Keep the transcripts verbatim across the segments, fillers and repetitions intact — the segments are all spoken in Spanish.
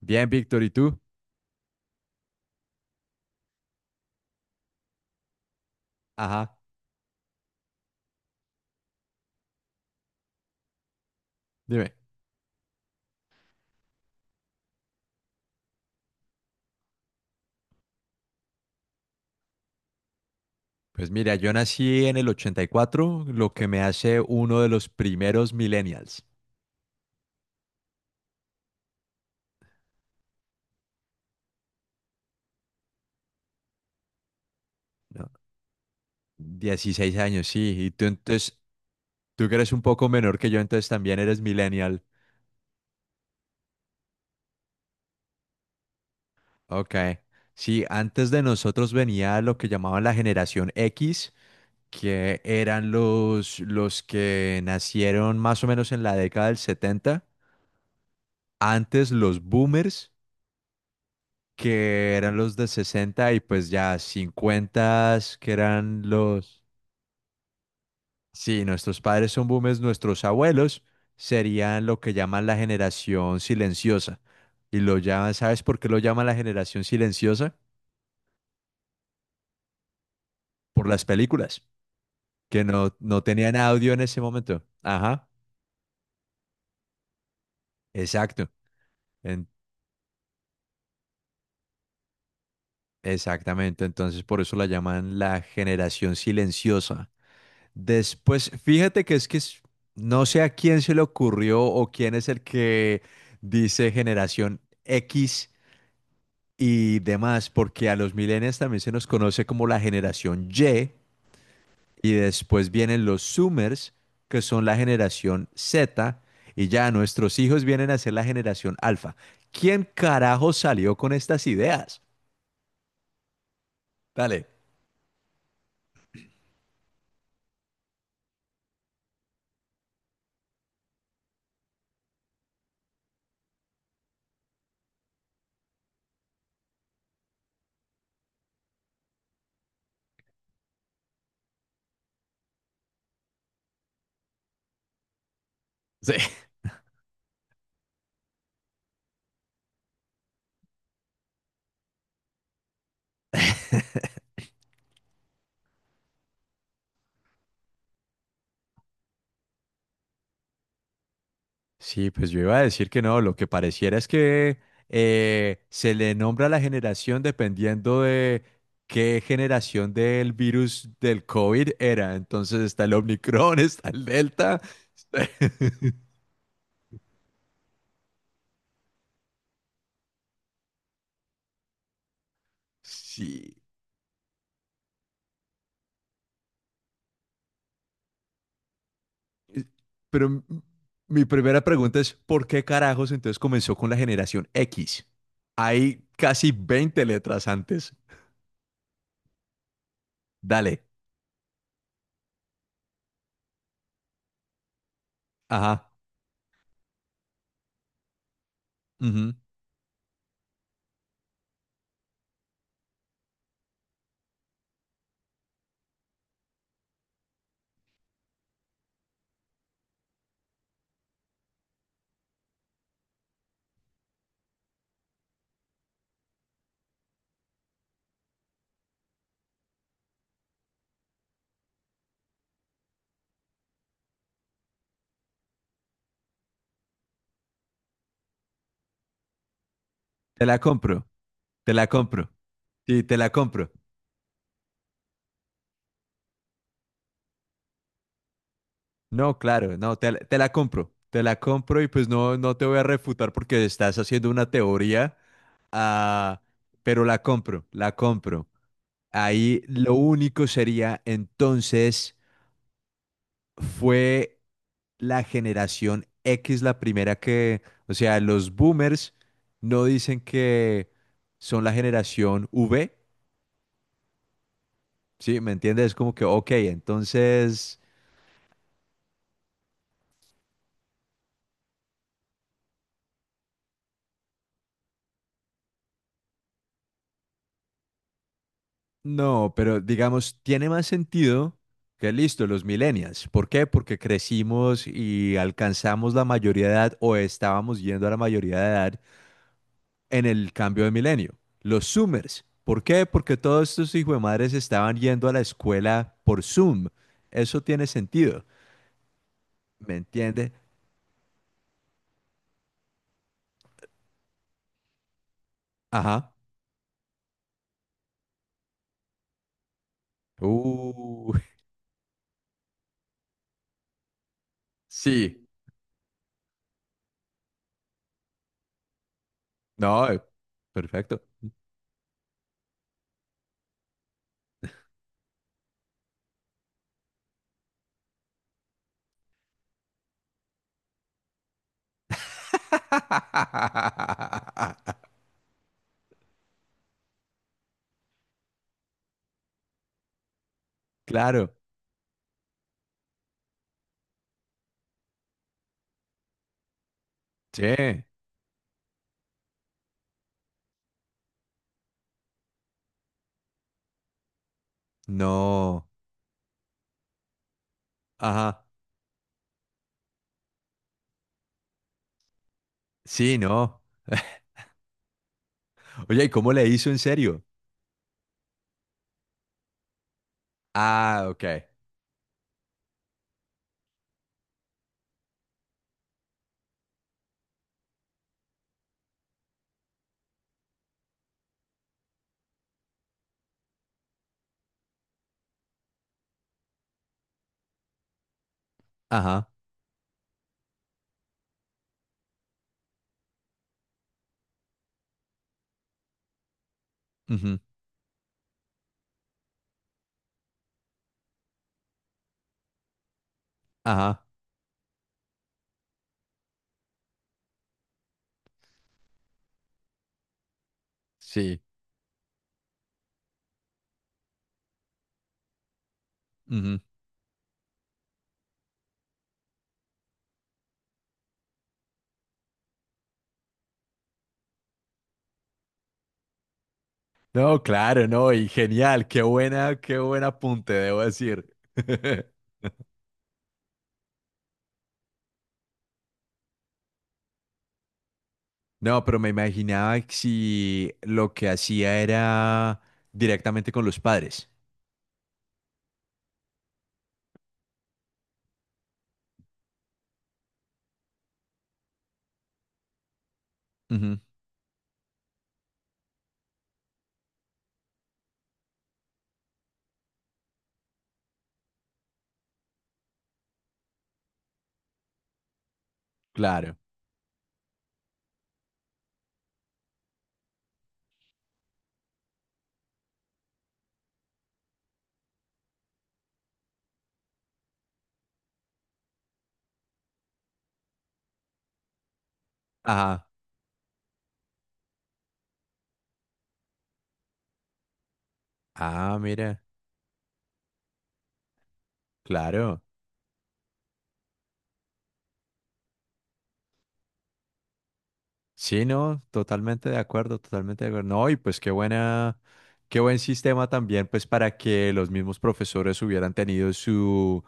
Bien, Víctor, ¿y tú? Ajá, dime. Pues mira, yo nací en el ochenta y cuatro, lo que me hace uno de los primeros millennials, ¿no? dieciséis años, sí. Y tú entonces, tú que eres un poco menor que yo, entonces también eres millennial. Ok. Sí, antes de nosotros venía lo que llamaban la generación X, que eran los, los que nacieron más o menos en la década del setenta. Antes los boomers que eran los de sesenta y pues ya cincuenta que eran los... Sí, nuestros padres son boomers, nuestros abuelos serían lo que llaman la generación silenciosa. Y lo llaman, ¿sabes por qué lo llaman la generación silenciosa? Por las películas, que no, no tenían audio en ese momento. Ajá, exacto. en- exactamente, entonces por eso la llaman la generación silenciosa. Después, fíjate que es que es- no sé a quién se le ocurrió o quién es el que dice generación X y demás, porque a los millennials también se nos conoce como la generación Y, y después vienen los Zoomers, que son la generación Z, y ya nuestros hijos vienen a ser la generación Alfa. ¿Quién carajo salió con estas ideas? Dale. Sí. Sí, pues yo iba a decir que no, lo que pareciera es que eh, se le nombra a la generación dependiendo de qué generación del virus del COVID era. Entonces está el Omicron, está el Delta. Sí. Eh, Pero m- mi primera pregunta es, ¿por qué carajos entonces comenzó con la generación X? Hay casi veinte letras antes. Dale. Ajá. Ujú. Te la compro. Te la compro. Sí, te la compro. No, claro, no, te, la te la compro, te la compro y pues no, no te voy a refutar porque estás haciendo una teoría, ah, pero la compro, la compro. Ahí lo único sería entonces fue la generación X la primera que, o sea, los boomers no dicen que son la generación V, ¿sí? ¿Me entiendes? Es como que, ok, entonces... No, pero digamos, tiene más sentido que listo, los millennials. ¿Por qué? Porque crecimos y alcanzamos la mayoría de edad o estábamos yendo a la mayoría de edad en el cambio de milenio. Los Zoomers. ¿Por qué? Porque todos estos hijos de madres estaban yendo a la escuela por Zoom. Eso tiene sentido. ¿Me entiende? Ajá. Uh, sí. No, eh, perfecto. Claro. Sí. No. Ajá. Sí, no. Oye, ¿y cómo le hizo en serio? Ah, ok. Ajá. Ujú. Ajá. Sí. Ujú. No, claro, no. Y genial. Qué buena, qué buen apunte, debo decir. No, pero me imaginaba que si lo que hacía era directamente con los padres. Ujú. Claro. Ajá. Ah, mira. Claro. Sí, no, totalmente de acuerdo, totalmente de acuerdo. No, y pues qué buena, qué buen sistema también, pues para que los mismos profesores hubieran tenido su,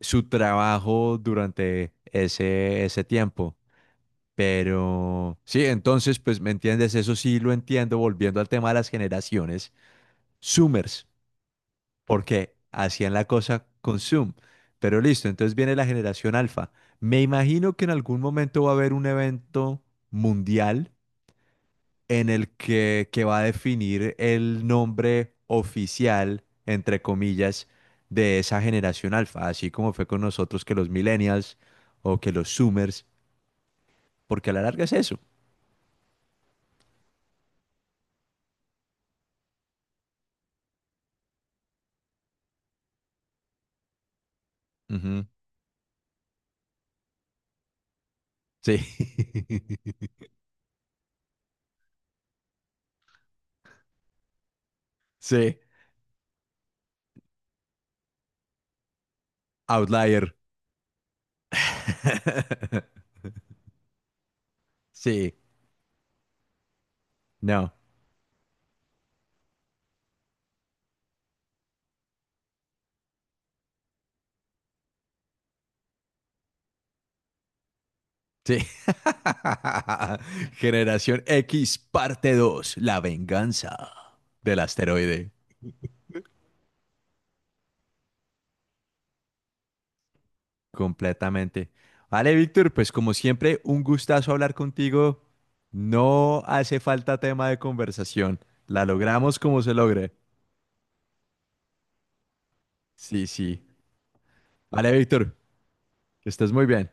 su trabajo durante ese, ese tiempo. Pero sí, entonces, pues me entiendes, eso sí lo entiendo, volviendo al tema de las generaciones, Zoomers, porque hacían la cosa con Zoom. Pero listo, entonces viene la generación alfa. Me imagino que en algún momento va a haber un evento mundial en el que, que va a definir el nombre oficial, entre comillas, de esa generación alfa, así como fue con nosotros que los millennials o que los zoomers, porque a la larga es eso. Ujú. Sí. Sí. Outlier. Sí. No. Sí. Generación X, parte dos. La venganza del asteroide. Completamente. Vale, Víctor, pues como siempre, un gustazo hablar contigo. No hace falta tema de conversación. La logramos como se logre. Sí, sí. Vale, Víctor, que estés muy bien.